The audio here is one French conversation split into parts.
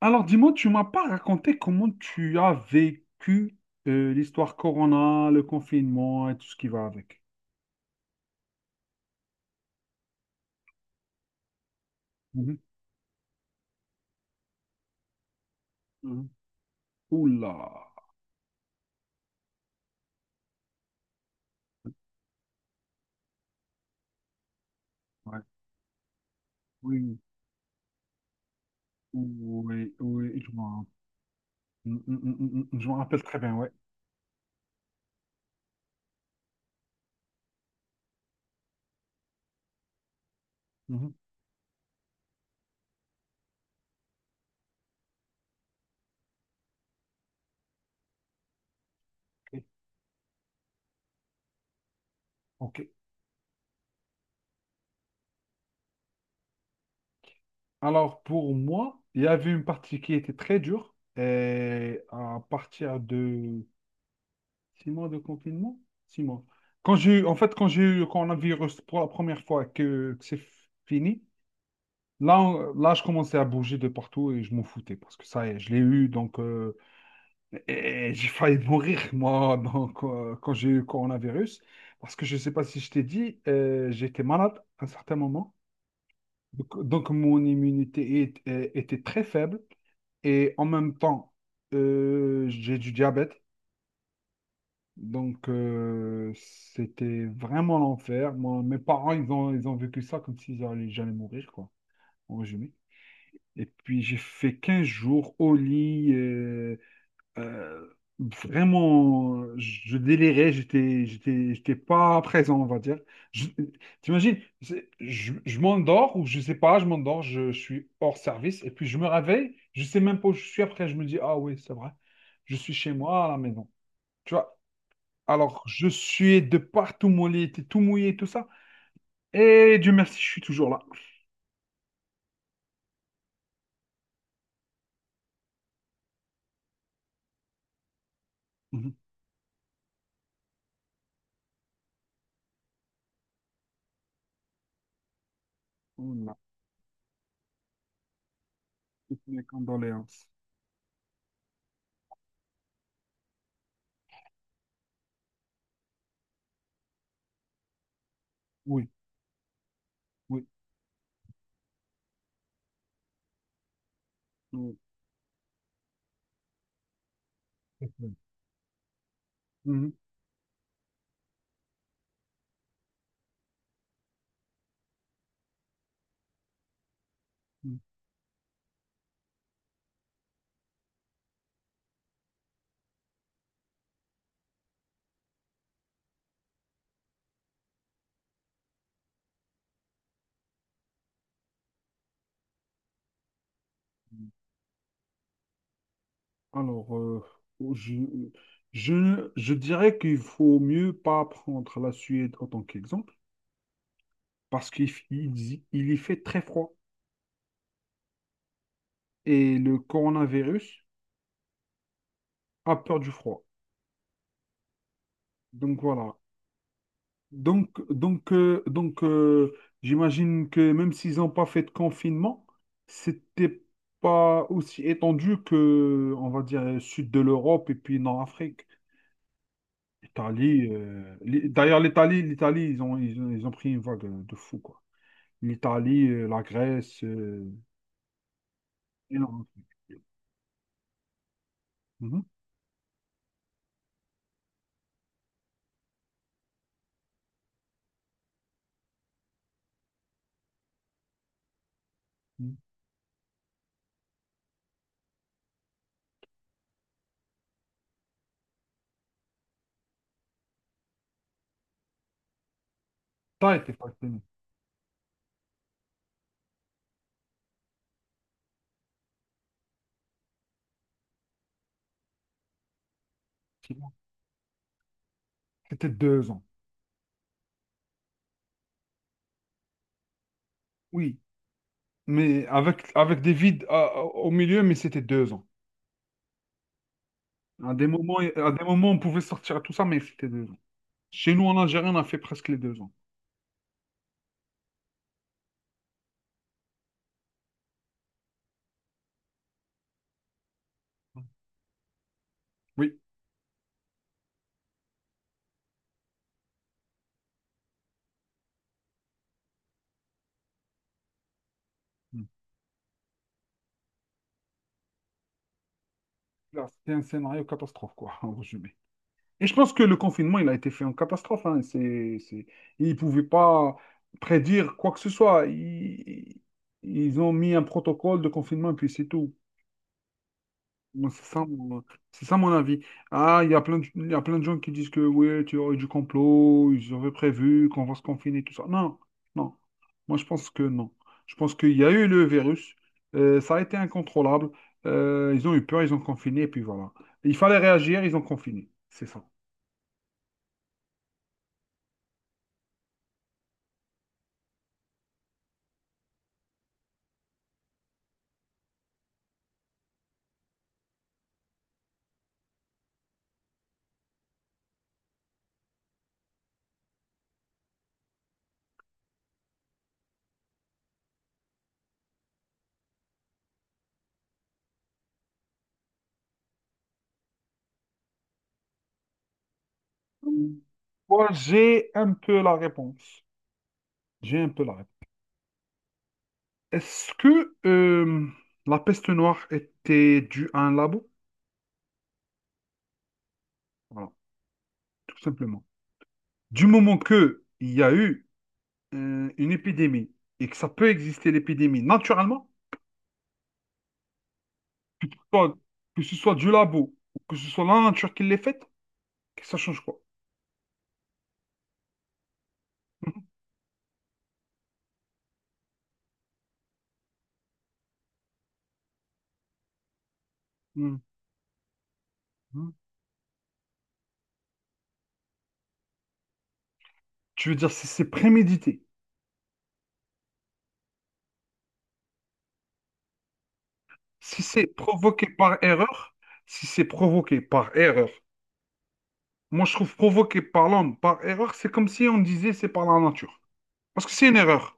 Alors, dis-moi, tu m'as pas raconté comment tu as vécu l'histoire Corona, le confinement et tout ce qui va avec. Mhm, mhm. Oula. Ouais. Oui, oui, oui, je m'en mm, mm, mm, mm, mm, mm, je m'en rappelle très bien, ouais. Mhm. Ok. Ok. Alors, pour moi, il y avait une partie qui était très dure et à partir de 6 mois de confinement, 6 mois. Quand j'ai eu, en fait, quand j'ai eu le coronavirus pour la première fois que c'est fini. Là, je commençais à bouger de partout et je m'en foutais parce que ça y est, je l'ai eu, donc, et j'ai failli mourir, moi, donc, quand j'ai eu le coronavirus. Parce que je ne sais pas si je t'ai dit, j'étais malade à un certain moment. Donc, mon immunité était très faible et en même temps, j'ai du diabète. Donc, c'était vraiment l'enfer. Moi, mes parents, ils ont vécu ça comme s'ils allaient jamais mourir, quoi, en résumé. Et puis j'ai fait 15 jours au lit. Euh, vraiment, je délirais, j'étais pas présent, on va dire. Je- T'imagines, je m'endors ou je sais pas, je m'endors, je suis hors service. Et puis je me réveille, je sais même pas où je suis. Après, je me dis, ah oui, c'est vrai, je suis chez moi à la maison. Tu vois, alors je suis de partout, mon lit était tout mouillé, tout ça. Et Dieu merci, je suis toujours là. Mhm. Voilà. Toutes mes condoléances. Oui, oui, oui. Mhm. Mhm. Alors, je, je dirais qu'il faut mieux pas prendre la Suède en tant qu'exemple, parce qu'il f- il y fait très froid et le coronavirus a peur du froid. Donc voilà. Donc, j'imagine que même s'ils n'ont pas fait de confinement, c'était pas aussi étendu que, on va dire, sud de l'Europe et puis Nord-Afrique. L'Italie, d'ailleurs, l'Italie, l'Italie, ils ont pris une vague de fou, quoi. L'Italie, la Grèce, énorme. Mhm. T'as été fasciné. C'était 2 ans. Oui, mais avec des vides au milieu, mais c'était 2 ans. À des moments, on pouvait sortir à tout ça, mais c'était 2 ans. Chez nous, en Algérie, on a fait presque les 2 ans. Oui. Là, c'était un scénario catastrophe, quoi, en résumé. Et je pense que le confinement, il a été fait en catastrophe. Hein. C'est. Ils ne pouvaient pas prédire quoi que ce soit. Ils ont mis un protocole de confinement et puis c'est tout. Moi, c'est ça mon avis. Ah, il y a plein de, gens qui disent que oui, tu aurais du complot, ils auraient prévu qu'on va se confiner, tout ça. Non, non. Moi, je pense que non. Je pense qu'il y a eu le virus, ça a été incontrôlable, ils ont eu peur, ils ont confiné, et puis voilà. Il fallait réagir, ils ont confiné. C'est ça. Moi, j'ai un peu la réponse. J'ai un peu la réponse. Est-ce que la peste noire était due à un labo? Voilà, tout simplement. Du moment que il y a eu une épidémie et que ça peut exister l'épidémie naturellement, que ce soit, que ce soit du labo ou que ce soit la nature qui l'ait faite, que ça change quoi? Mhm. Tu veux dire si c'est prémédité, si c'est provoqué par erreur, si c'est provoqué par erreur. Moi, je trouve provoqué par l'homme par erreur, c'est comme si on disait c'est par la nature. Parce que c'est une erreur.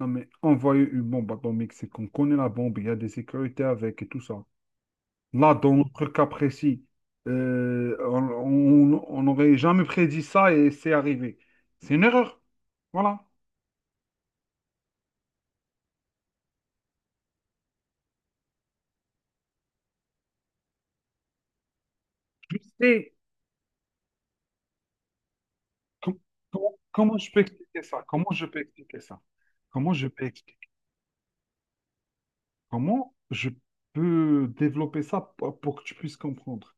Non, mais envoyer une bombe atomique, c'est qu'on connaît la bombe, il y a des sécurités avec et tout ça. Là, dans notre cas précis, euh, on on n'aurait jamais prédit ça et c'est arrivé. C'est une erreur. Voilà. Je sais com- comment je peux expliquer ça. Comment je peux expliquer ça. Comment je peux expliquer. Comment je peux développer ça pour que tu puisses comprendre.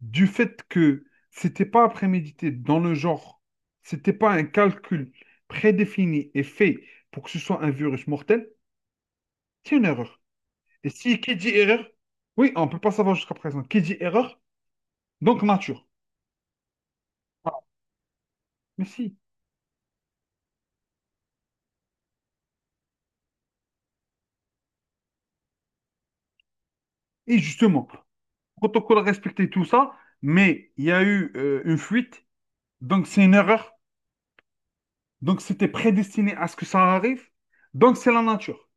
Du fait que c'était pas prémédité dans le genre, c'était pas un calcul prédéfini et fait pour que ce soit un virus mortel, c'est une erreur. Et si qui dit erreur, oui, on ne peut pas savoir jusqu'à présent. Qui dit erreur, donc nature. Voilà. Mais si. Et justement, protocole respecté, tout ça, mais il y a eu une fuite, donc c'est une erreur, donc c'était prédestiné à ce que ça arrive, donc c'est la nature.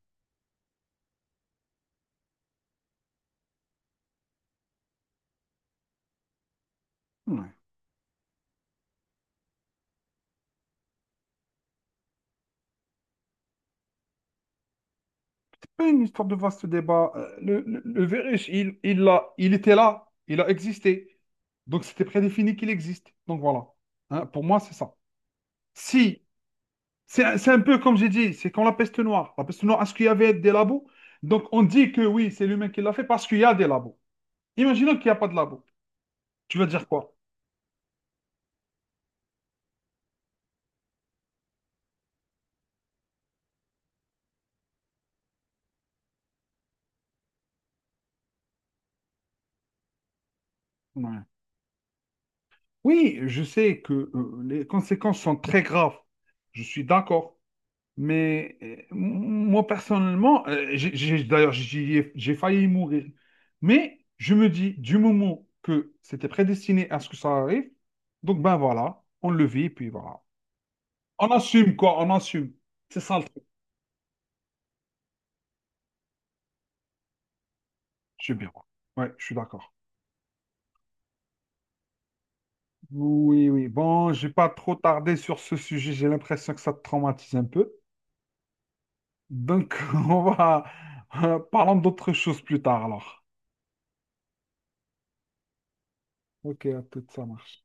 Ouais. C'est pas une histoire de vaste débat. Le virus, il était là, il a existé. Donc c'était prédéfini qu'il existe. Donc voilà. Hein, pour moi, c'est ça. Si, c'est un peu comme j'ai dit, c'est quand la peste noire. La peste noire, est-ce qu'il y avait des labos? Donc on dit que oui, c'est l'humain qui l'a fait parce qu'il y a des labos. Imaginons qu'il n'y a pas de labos. Tu vas dire quoi? Ouais. Oui, je sais que les conséquences sont très graves. Je suis d'accord. Mais moi, personnellement, d'ailleurs, j'ai failli y mourir. Mais je me dis, du moment que c'était prédestiné à ce que ça arrive, donc ben voilà, on le vit, et puis voilà. On assume, quoi, on assume. C'est ça le truc. Je suis bien. Ouais, je suis d'accord. Oui, oui. Bon, j'ai pas trop tardé sur ce sujet. J'ai l'impression que ça te traumatise un peu. Donc, on va... Parlons d'autres choses plus tard, alors. Ok, à tout, ça marche.